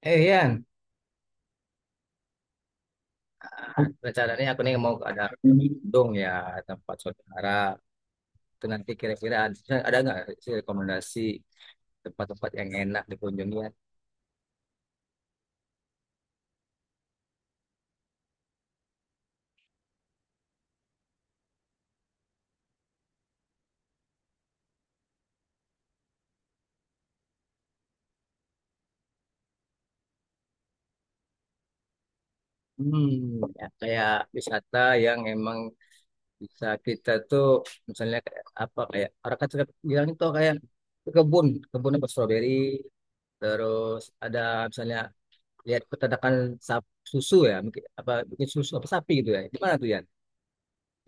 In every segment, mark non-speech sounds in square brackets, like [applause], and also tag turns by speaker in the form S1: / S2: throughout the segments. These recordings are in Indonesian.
S1: Eh Ian, rencananya aku nih mau ada dong ya tempat saudara. Itu nanti kira-kira ada nggak sih rekomendasi tempat-tempat yang enak dikunjungi ya? Hmm, Ya, kayak wisata yang emang bisa kita tuh misalnya kayak apa kayak orang kan suka bilang itu kayak ke kebun apa stroberi, terus ada misalnya lihat peternakan susu ya, mungkin apa bikin susu apa sapi gitu ya. Di mana tuh Ian?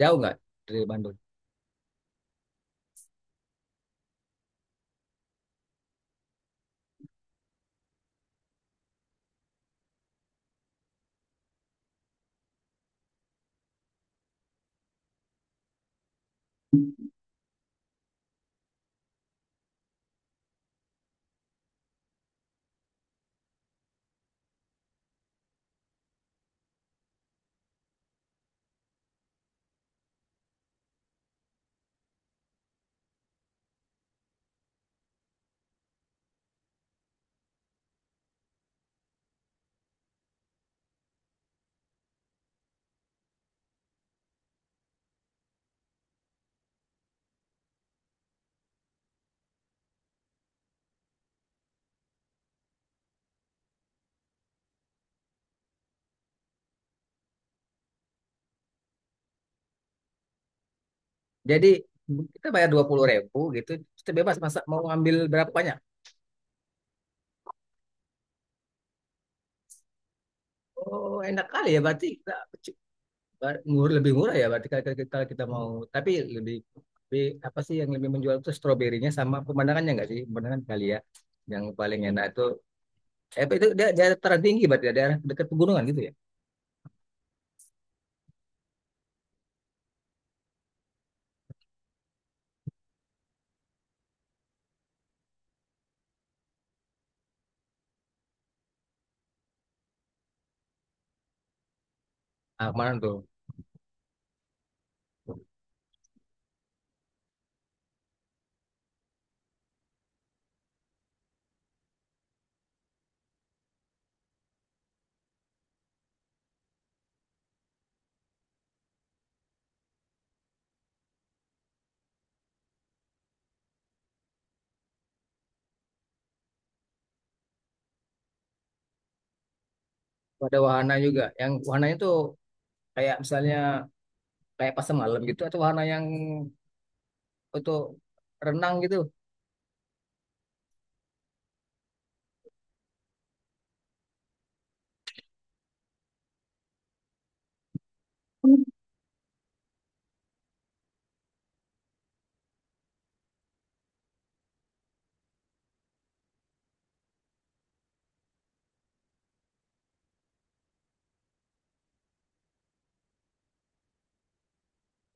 S1: Jauh nggak dari Bandung? Jadi kita bayar dua puluh ribu gitu, kita bebas masa mau ambil berapa banyak. Oh enak kali ya berarti kita ngur lebih murah ya berarti kalau kita mau. Tapi lebih, lebih apa sih yang lebih menjual itu stroberinya sama pemandangannya nggak sih? Pemandangan kali ya yang paling enak itu. Eh itu dia daerah tertinggi berarti ya, daerah dekat pegunungan gitu ya. Ah kemarin tuh ada wahana juga. Yang wahananya tuh kayak misalnya kayak pasar malam gitu atau wahana yang untuk renang gitu.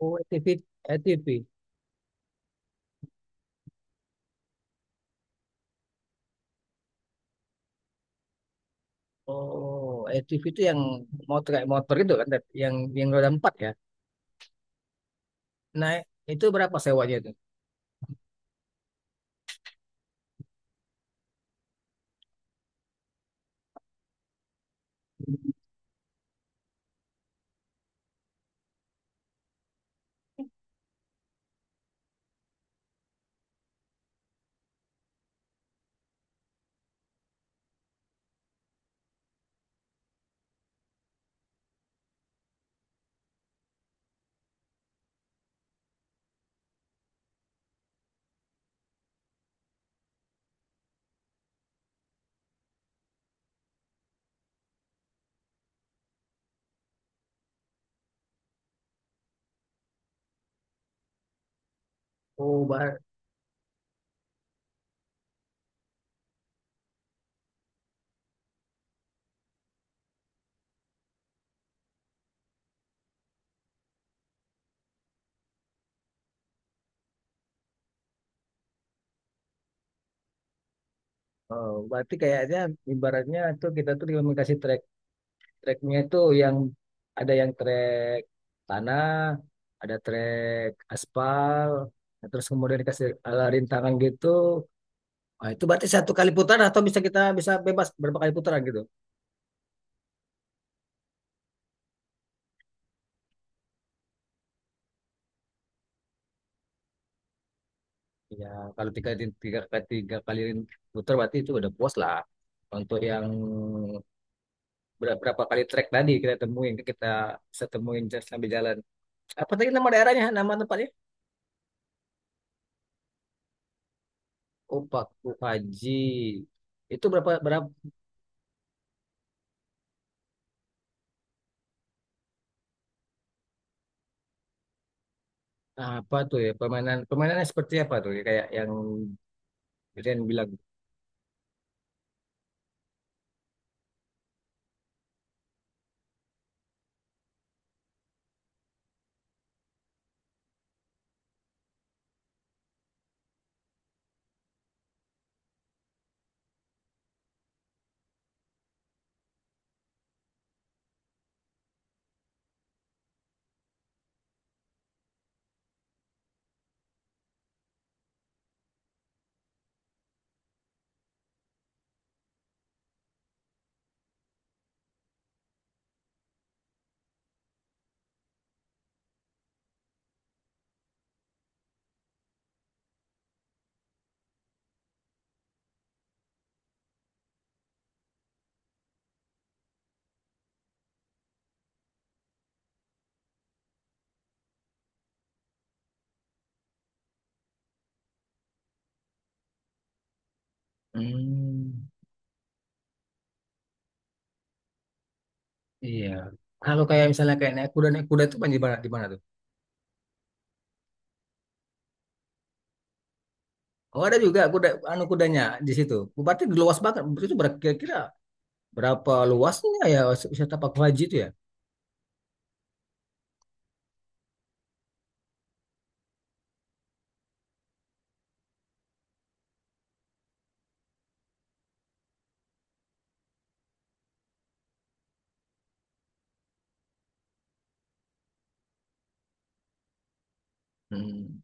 S1: Oh, A T V A T V. Oh, ATV itu yang motor kayak motor itu kan, Ted? Yang roda empat ya. Nah, itu berapa sewanya itu? Oh, bar, oh, berarti kayaknya ibaratnya tuh kita tuh cuma kasih trek itu yang ada yang trek tanah, ada trek aspal, nah, terus kemudian dikasih ala rintangan gitu. Nah, itu berarti satu kali putaran atau bisa kita bisa bebas berapa kali putaran gitu? Ya, kalau tiga, tiga, tiga kali putar berarti itu udah puas lah. Untuk yang berapa kali trek tadi kita temuin, kita bisa temuin sambil jalan. Apa tadi nama daerahnya, nama tempatnya? Opak Haji. Itu berapa, berapa, apa tuh ya, permainannya seperti apa tuh ya, kayak yang Rian bilang. Hmm, iya. Kalau kayak misalnya kayak naik kuda itu di mana tuh? Oh ada juga kuda, anu kudanya di situ. Berarti luas banget, itu berkira-kira berapa luasnya ya wisata Pak Haji itu ya? Hmm.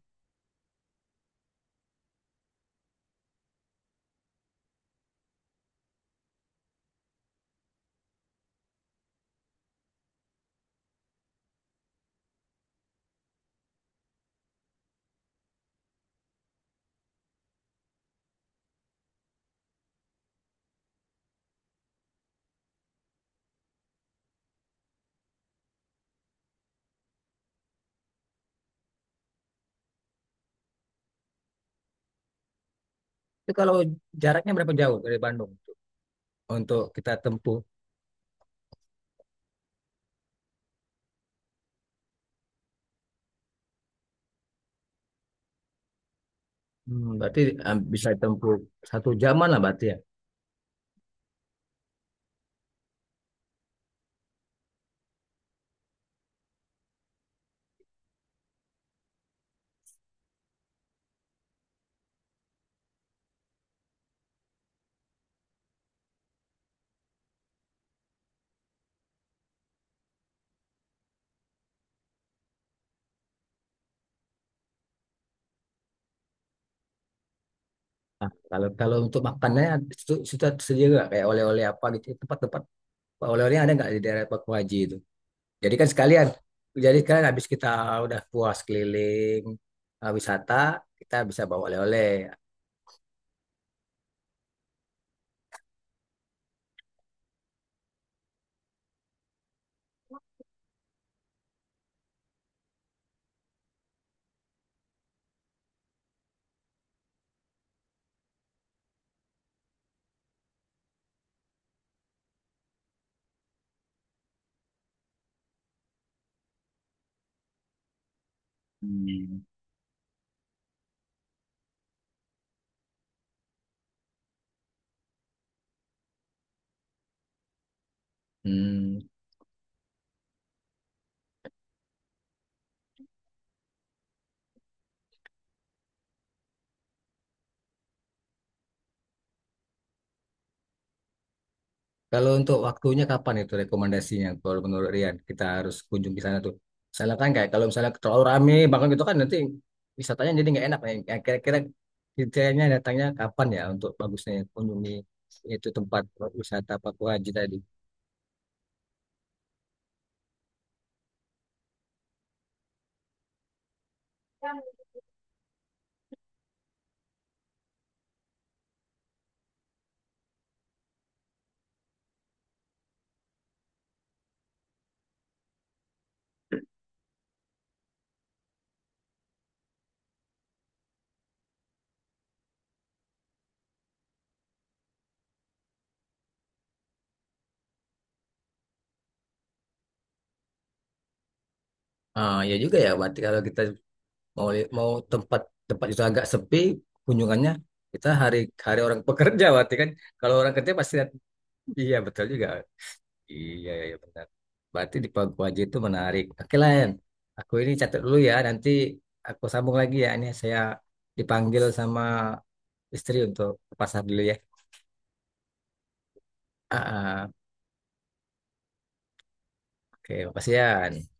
S1: Itu kalau jaraknya berapa jauh dari Bandung tuh untuk kita tempuh? Hmm, berarti bisa tempuh satu jaman lah berarti ya. Nah, kalau kalau untuk makannya itu sudah tersedia nggak kayak oleh-oleh apa gitu tempat-tempat oleh-olehnya ada nggak di daerah Pak Haji itu? Jadi kan sekalian, jadi kan habis kita udah puas keliling wisata, kita bisa bawa oleh-oleh. Hmm. Hmm. Kalau untuk waktunya kapan itu rekomendasinya? Kalau menurut Rian, kita harus kunjung ke sana tuh. Misalnya kan kayak kalau misalnya terlalu rame, bahkan gitu kan nanti wisatanya jadi nggak enak. Ya. Kira-kira kitanya datangnya kapan ya untuk bagusnya kunjungi itu tempat wisata Papua Haji tadi? Ah, ya juga ya. Berarti kalau kita mau mau tempat tempat itu agak sepi kunjungannya, kita hari hari orang [laughs] pekerja berarti kan. Kalau orang kerja pasti iya betul juga. Iya, iya iya, benar. Berarti di pagu Paguaji itu menarik. Oke lah, Yan. Aku ini catat dulu ya. Nanti aku sambung lagi ya. Ini saya dipanggil sama istri untuk ke pasar dulu ya. Ah, ah. Oke, makasih, Yan.